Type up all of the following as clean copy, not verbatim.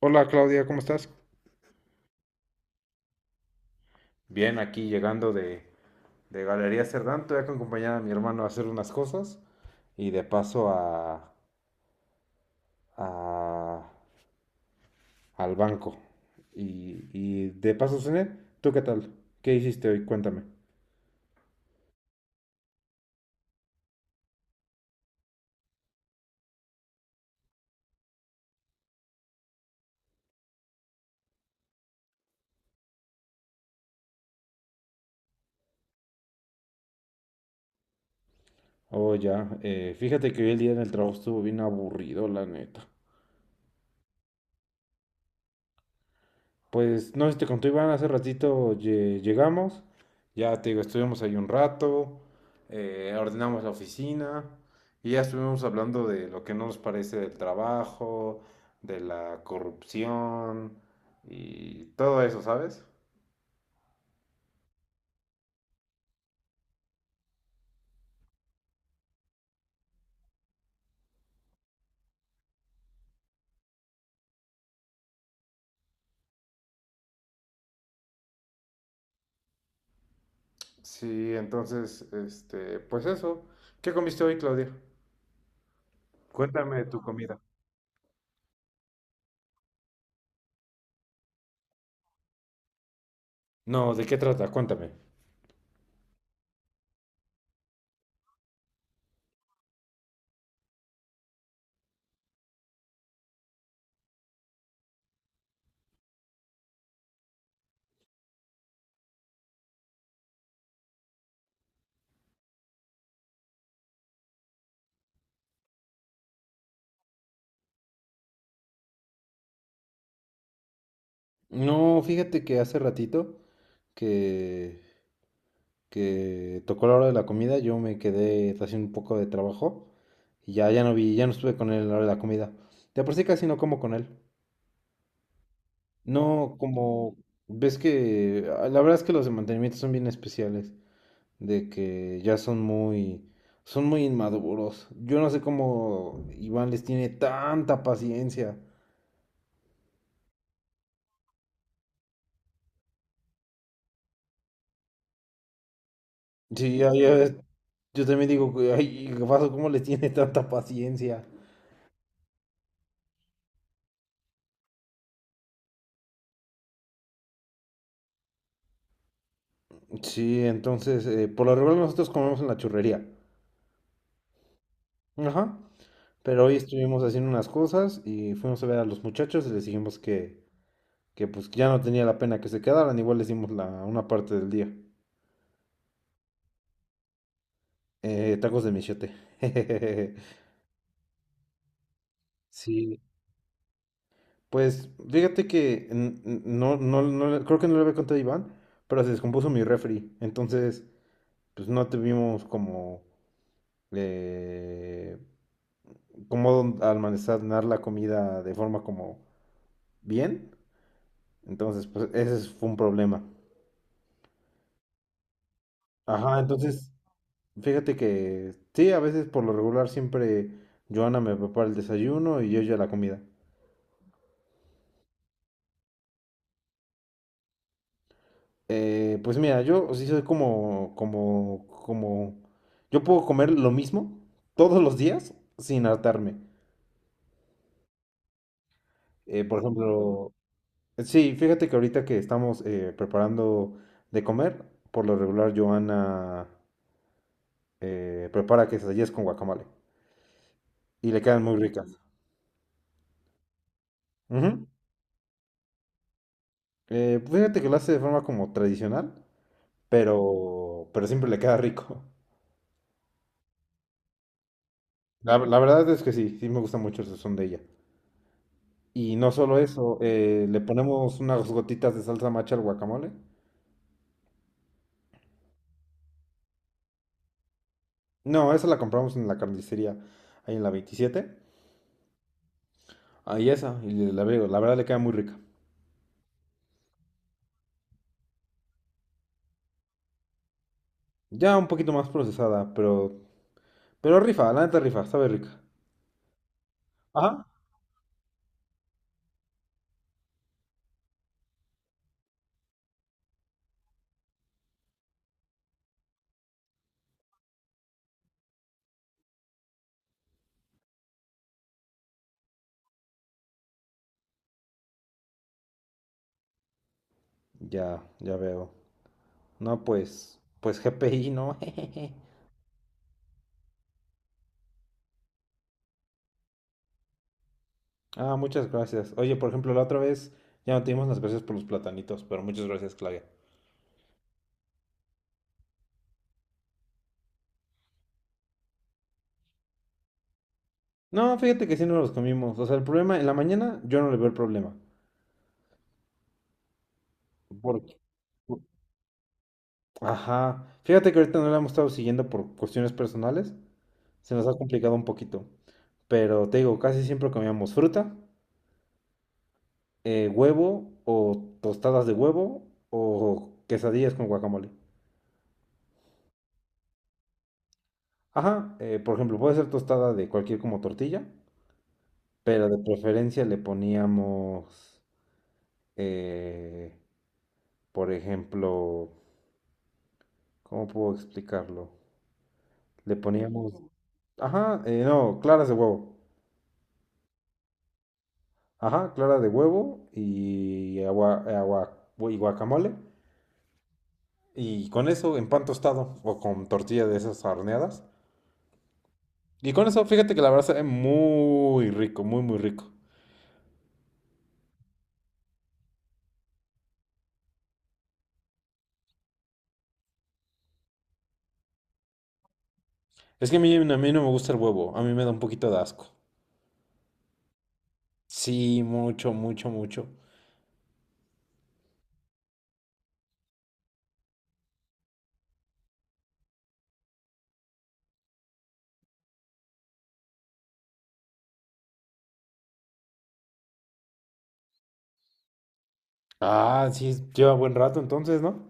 Hola Claudia, ¿cómo estás? Bien, aquí llegando de Galería Cerdán, voy a acompañar a mi hermano a hacer unas cosas y de paso a, a- al banco. Y de paso, cené. ¿Tú qué tal? ¿Qué hiciste hoy? Cuéntame. Oh, ya. Fíjate que hoy el día en el trabajo estuvo bien aburrido, la neta. Pues no sé si te conté, Iván, hace ratito llegamos, ya te digo, estuvimos ahí un rato, ordenamos la oficina y ya estuvimos hablando de lo que no nos parece del trabajo, de la corrupción y todo eso, ¿sabes? Sí, entonces, este, pues eso. ¿Qué comiste hoy, Claudia? Cuéntame de tu comida. No, ¿de qué trata? Cuéntame. No, fíjate que hace ratito que que tocó la hora de la comida, yo me quedé haciendo un poco de trabajo y ya, ya no vi, ya no estuve con él a la hora de la comida. De por sí casi no como con él. No como, ves que, ah, la verdad es que los de mantenimiento son bien especiales, de que ya son muy inmaduros. Yo no sé cómo Iván les tiene tanta paciencia. Sí, ya ves, yo también digo, que, ay, Gabazo, ¿cómo les tiene tanta paciencia? Sí, entonces, por lo regular nosotros comemos en la churrería. Ajá. Pero hoy estuvimos haciendo unas cosas y fuimos a ver a los muchachos y les dijimos que pues que ya no tenía la pena que se quedaran, igual les dimos la, una parte del día. Tacos de michote. Sí. Pues fíjate que no, no, creo que no le había contado a Iván, pero se descompuso mi refri. Entonces, pues no tuvimos como eh, cómo almacenar la comida de forma como bien. Entonces, pues ese fue un problema. Ajá, entonces, fíjate que sí, a veces por lo regular siempre Joana me prepara el desayuno y yo ya la comida. Pues mira, yo sí soy como, como, como, yo puedo comer lo mismo todos los días sin hartarme. Por ejemplo, sí, fíjate que ahorita que estamos preparando de comer, por lo regular Joana prepara quesadillas con guacamole y le quedan muy ricas. Ujú. Fíjate que lo hace de forma como tradicional. Pero siempre le queda rico. La verdad es que sí, sí me gusta mucho el sazón de ella. Y no solo eso, le ponemos unas gotitas de salsa macha al guacamole. No, esa la compramos en la carnicería, ahí en la 27. Ahí esa, y veo, la verdad le queda muy rica. Ya un poquito más procesada, pero rifa, la neta rifa, sabe rica. Ajá. Ya, ya veo. No, pues, pues GPI, ¿no? Ah, muchas gracias. Oye, por ejemplo, la otra vez ya no te dimos las gracias por los platanitos, pero muchas gracias, Claudia. No, fíjate que sí no los comimos. O sea, el problema, en la mañana yo no le veo el problema. Porque, ajá. Fíjate que ahorita no la hemos estado siguiendo por cuestiones personales. Se nos ha complicado un poquito. Pero te digo, casi siempre comíamos fruta, huevo o tostadas de huevo o quesadillas con guacamole. Ajá, por ejemplo, puede ser tostada de cualquier como tortilla, pero de preferencia le poníamos, eh, por ejemplo, ¿cómo puedo explicarlo? Le poníamos, ajá, no, claras de huevo. Ajá, clara de huevo y agua, agua y guacamole. Y con eso en pan tostado o con tortilla de esas horneadas. Y con eso, fíjate que la verdad sabe muy rico, muy, muy rico. Es que a mí no me gusta el huevo, a mí me da un poquito de asco. Sí, mucho, mucho, mucho. Ah, sí, lleva buen rato entonces, ¿no?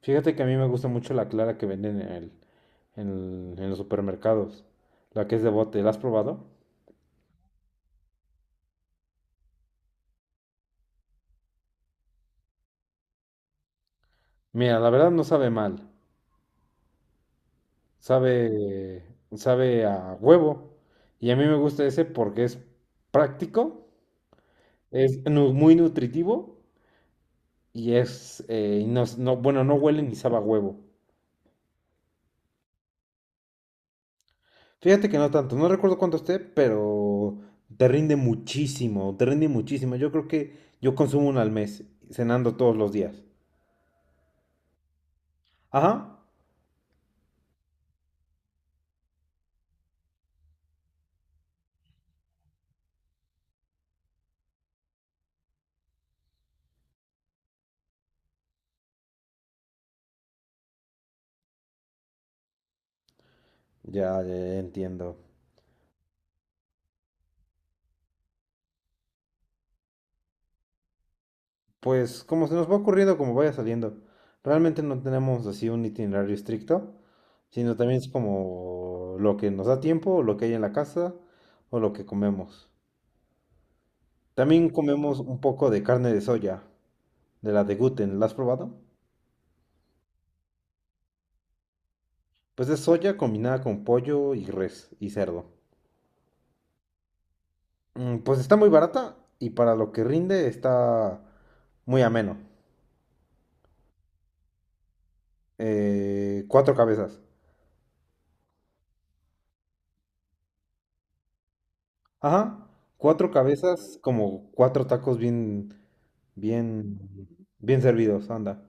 Fíjate que a mí me gusta mucho la clara que venden en el, en, en los supermercados. La que es de bote, ¿la has probado? Mira, la verdad no sabe mal, sabe, sabe a huevo. Y a mí me gusta ese porque es práctico, es muy nutritivo y es, y bueno, no huele ni sabe a huevo. Fíjate que no tanto, no recuerdo cuánto esté, pero te rinde muchísimo, te rinde muchísimo. Yo creo que yo consumo uno al mes, cenando todos los días. Ajá, ya, ya ya entiendo. Pues como se nos va ocurriendo, como vaya saliendo. Realmente no tenemos así un itinerario estricto, sino también es como lo que nos da tiempo, lo que hay en la casa o lo que comemos. También comemos un poco de carne de soya, de la de Guten, ¿la has probado? Pues es soya combinada con pollo y res y cerdo. Mm, pues está muy barata y para lo que rinde está muy ameno. Cuatro cabezas. Ajá, cuatro cabezas como cuatro tacos bien. Bien, bien servidos, anda.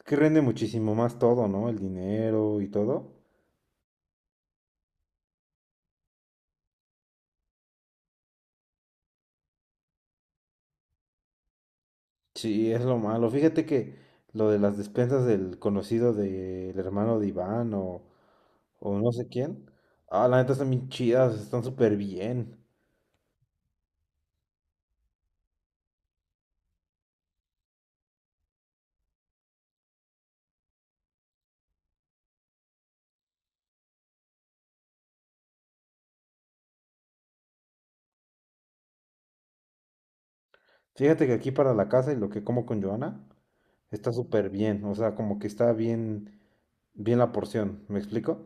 Es que rinde muchísimo más todo, ¿no? El dinero y todo. Sí, es lo malo. Fíjate que lo de las despensas del conocido del hermano de Iván o no sé quién. Ah, la neta están bien chidas, están súper bien. Fíjate que aquí para la casa y lo que como con Joana está súper bien. O sea, como que está bien, bien la porción. ¿Me explico?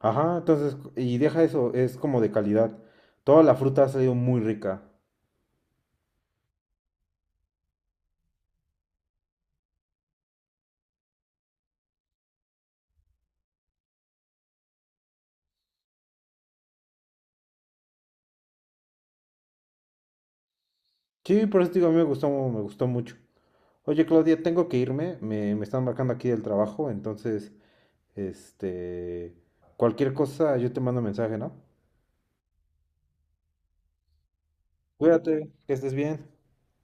Ajá, entonces, y deja eso, es como de calidad. Toda la fruta ha salido muy rica. Sí, por eso te digo, a mí me gustó mucho. Oye, Claudia, tengo que irme, me están marcando aquí del trabajo, entonces, este, cualquier cosa, yo te mando mensaje, ¿no? Cuídate, que estés bien.